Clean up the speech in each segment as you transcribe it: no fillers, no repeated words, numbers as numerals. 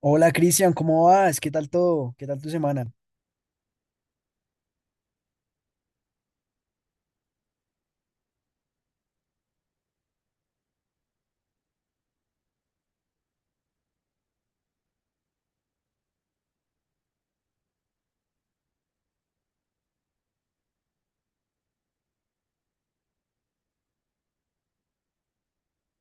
Hola Cristian, ¿cómo vas? ¿Qué tal todo? ¿Qué tal tu semana?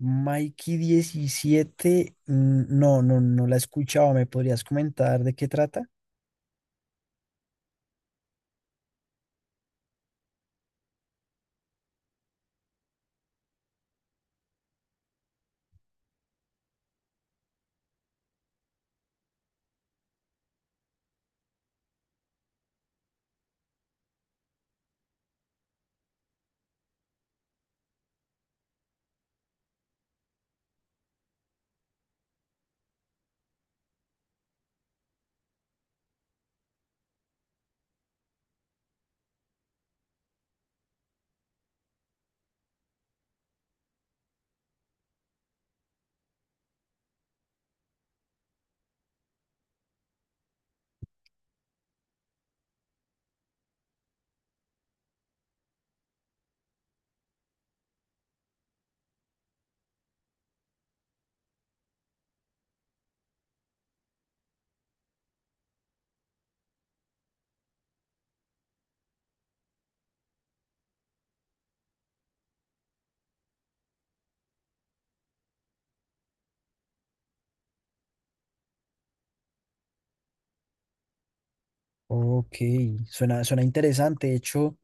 Mikey 17, no, no, no la he escuchado. ¿Me podrías comentar de qué trata? Ok, suena interesante. De hecho,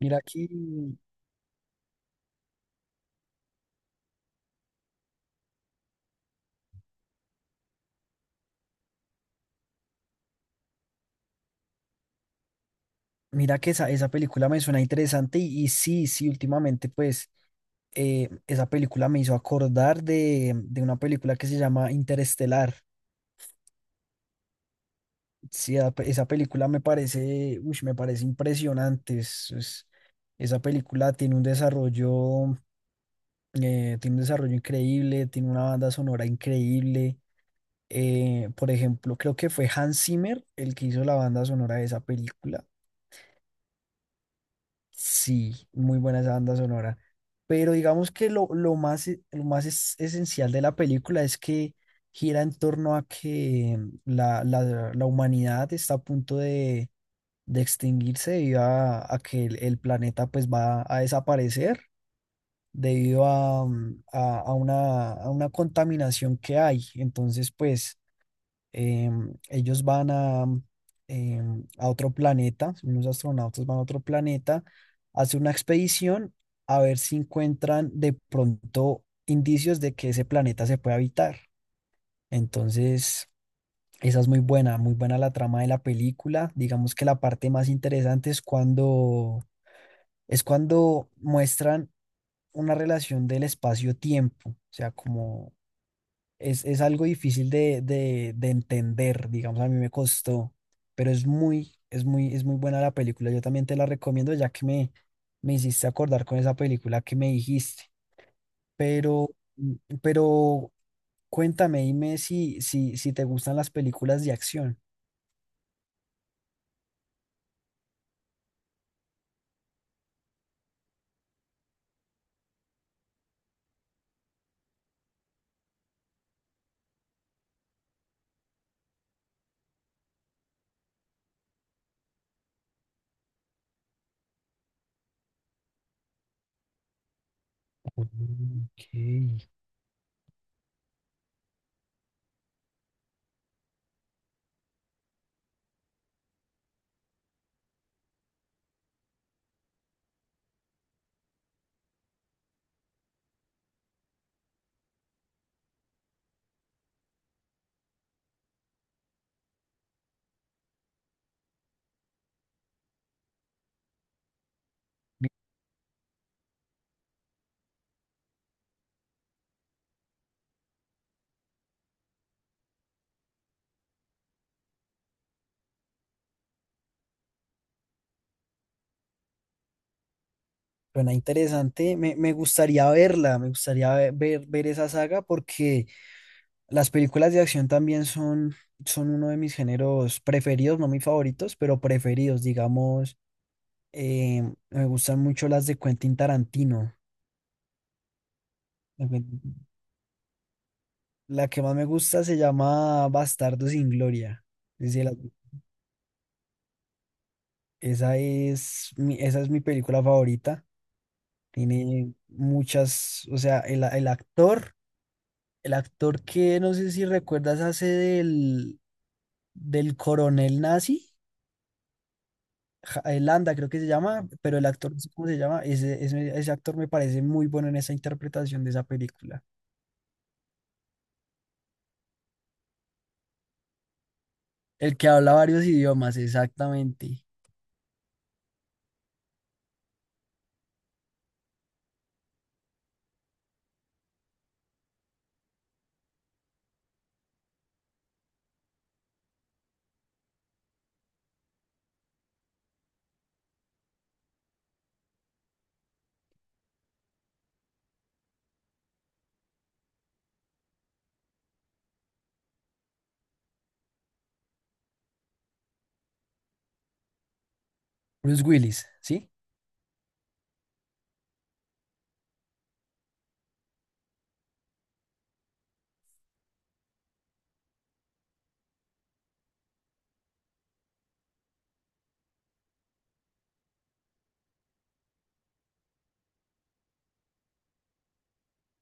mira aquí, mira que esa película me suena interesante y sí, sí, últimamente pues esa película me hizo acordar de una película que se llama Interestelar. Sí, esa película me parece, uy, me parece impresionante. Esa película tiene un desarrollo increíble, tiene una banda sonora increíble. Por ejemplo, creo que fue Hans Zimmer el que hizo la banda sonora de esa película. Sí, muy buena esa banda sonora. Pero digamos que lo más, lo más esencial de la película es que gira en torno a que la humanidad está a punto de extinguirse debido a que el planeta pues va a desaparecer debido a, mm, a una contaminación que hay. Entonces, pues ellos van a otro planeta, unos astronautas van a otro planeta, hacen una expedición a ver si encuentran de pronto indicios de que ese planeta se puede habitar. Entonces, esa es muy buena la trama de la película. Digamos que la parte más interesante es cuando muestran una relación del espacio-tiempo, o sea, como es algo difícil de entender, digamos, a mí me costó, pero es muy buena la película. Yo también te la recomiendo ya que me hiciste acordar con esa película que me dijiste, pero, mm, pero cuéntame, dime si te gustan las películas de acción. Ok. Suena interesante, me gustaría verla, me gustaría ver esa saga porque las películas de acción también son uno de mis géneros preferidos, no mis favoritos, pero preferidos, digamos, eh, me gustan mucho las de Quentin Tarantino. La que la que más me gusta se llama Bastardo sin Gloria. Es de la- esa es mi película favorita. Tiene muchas, o sea, el actor. El actor que no sé si recuerdas hace del coronel nazi, Landa creo que se llama, pero el actor no sé cómo se llama, ese actor me parece muy bueno en esa interpretación de esa película. El que habla varios idiomas, exactamente. Bruce Willis, ¿sí?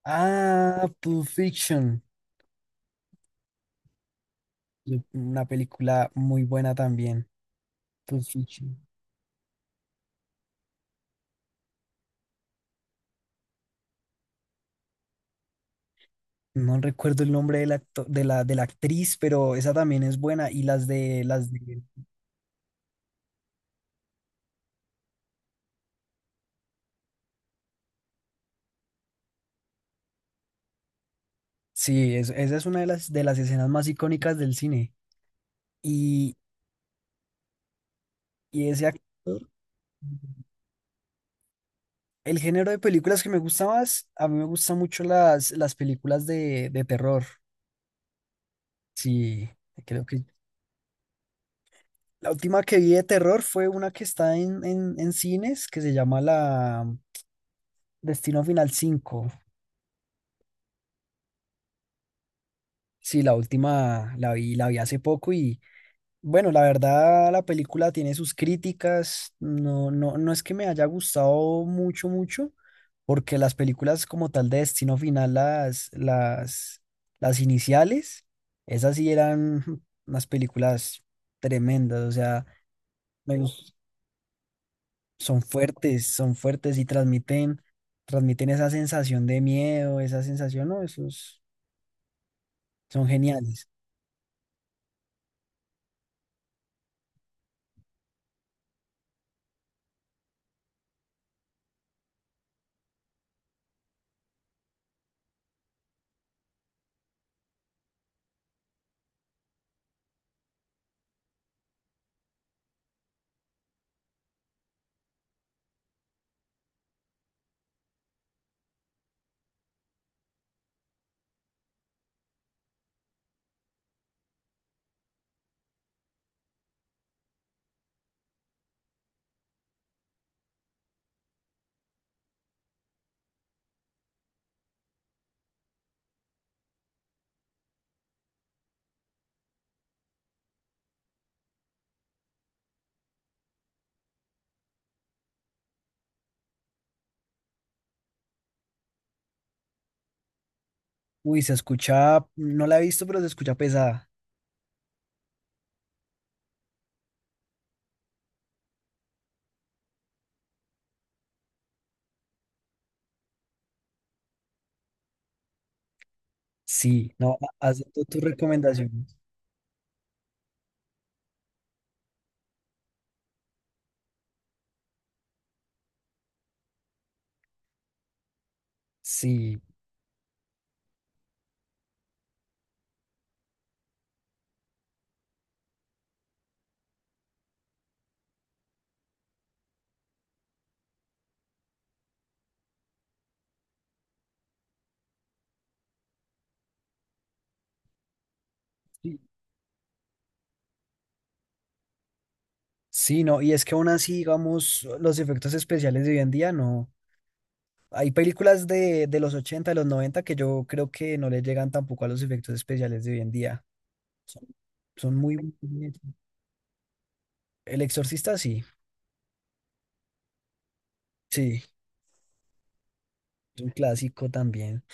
Ah, Pulp Fiction, una película muy buena también. Pulp Fiction. No recuerdo el nombre del actor, de la actriz, pero esa también es buena. Y las de Sí, esa es una de las escenas más icónicas del cine. Y, y ese actor, el género de películas que me gusta más, a mí me gustan mucho las películas de terror. Sí, creo que la última que vi de terror fue una que está en cines que se llama la Destino Final cinco. Sí, la última la vi hace poco. Bueno, la verdad, la película tiene sus críticas. No, no, no es que me haya gustado mucho, mucho, porque las películas como tal de Destino Final, las iniciales, esas sí eran unas películas tremendas. O sea, me gus- son fuertes y transmiten esa sensación de miedo, esa sensación, no, esos son geniales. Uy, se escucha, no la he visto, pero se escucha pesada. Sí, no, has dado tus recomendaciones. Sí, sí, sí, no, y es que aún así, digamos, los efectos especiales de hoy en día no. Hay películas de los 80, de los 90 que yo creo que no le llegan tampoco a los efectos especiales de hoy en día. Son, son muy bien hechos. El Exorcista, sí, sí, es un clásico también.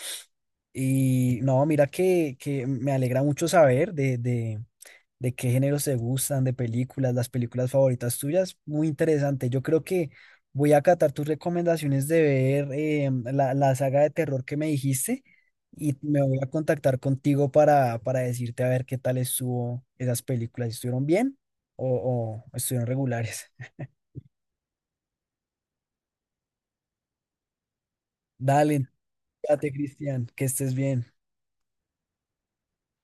Y no, mira que me alegra mucho saber de qué géneros te gustan, de películas, las películas favoritas tuyas. Muy interesante. Yo creo que voy a acatar tus recomendaciones de ver la saga de terror que me dijiste y me voy a contactar contigo para decirte a ver qué tal estuvo esas películas. ¿Estuvieron bien o estuvieron regulares? Dale, date, Cristian, que estés bien.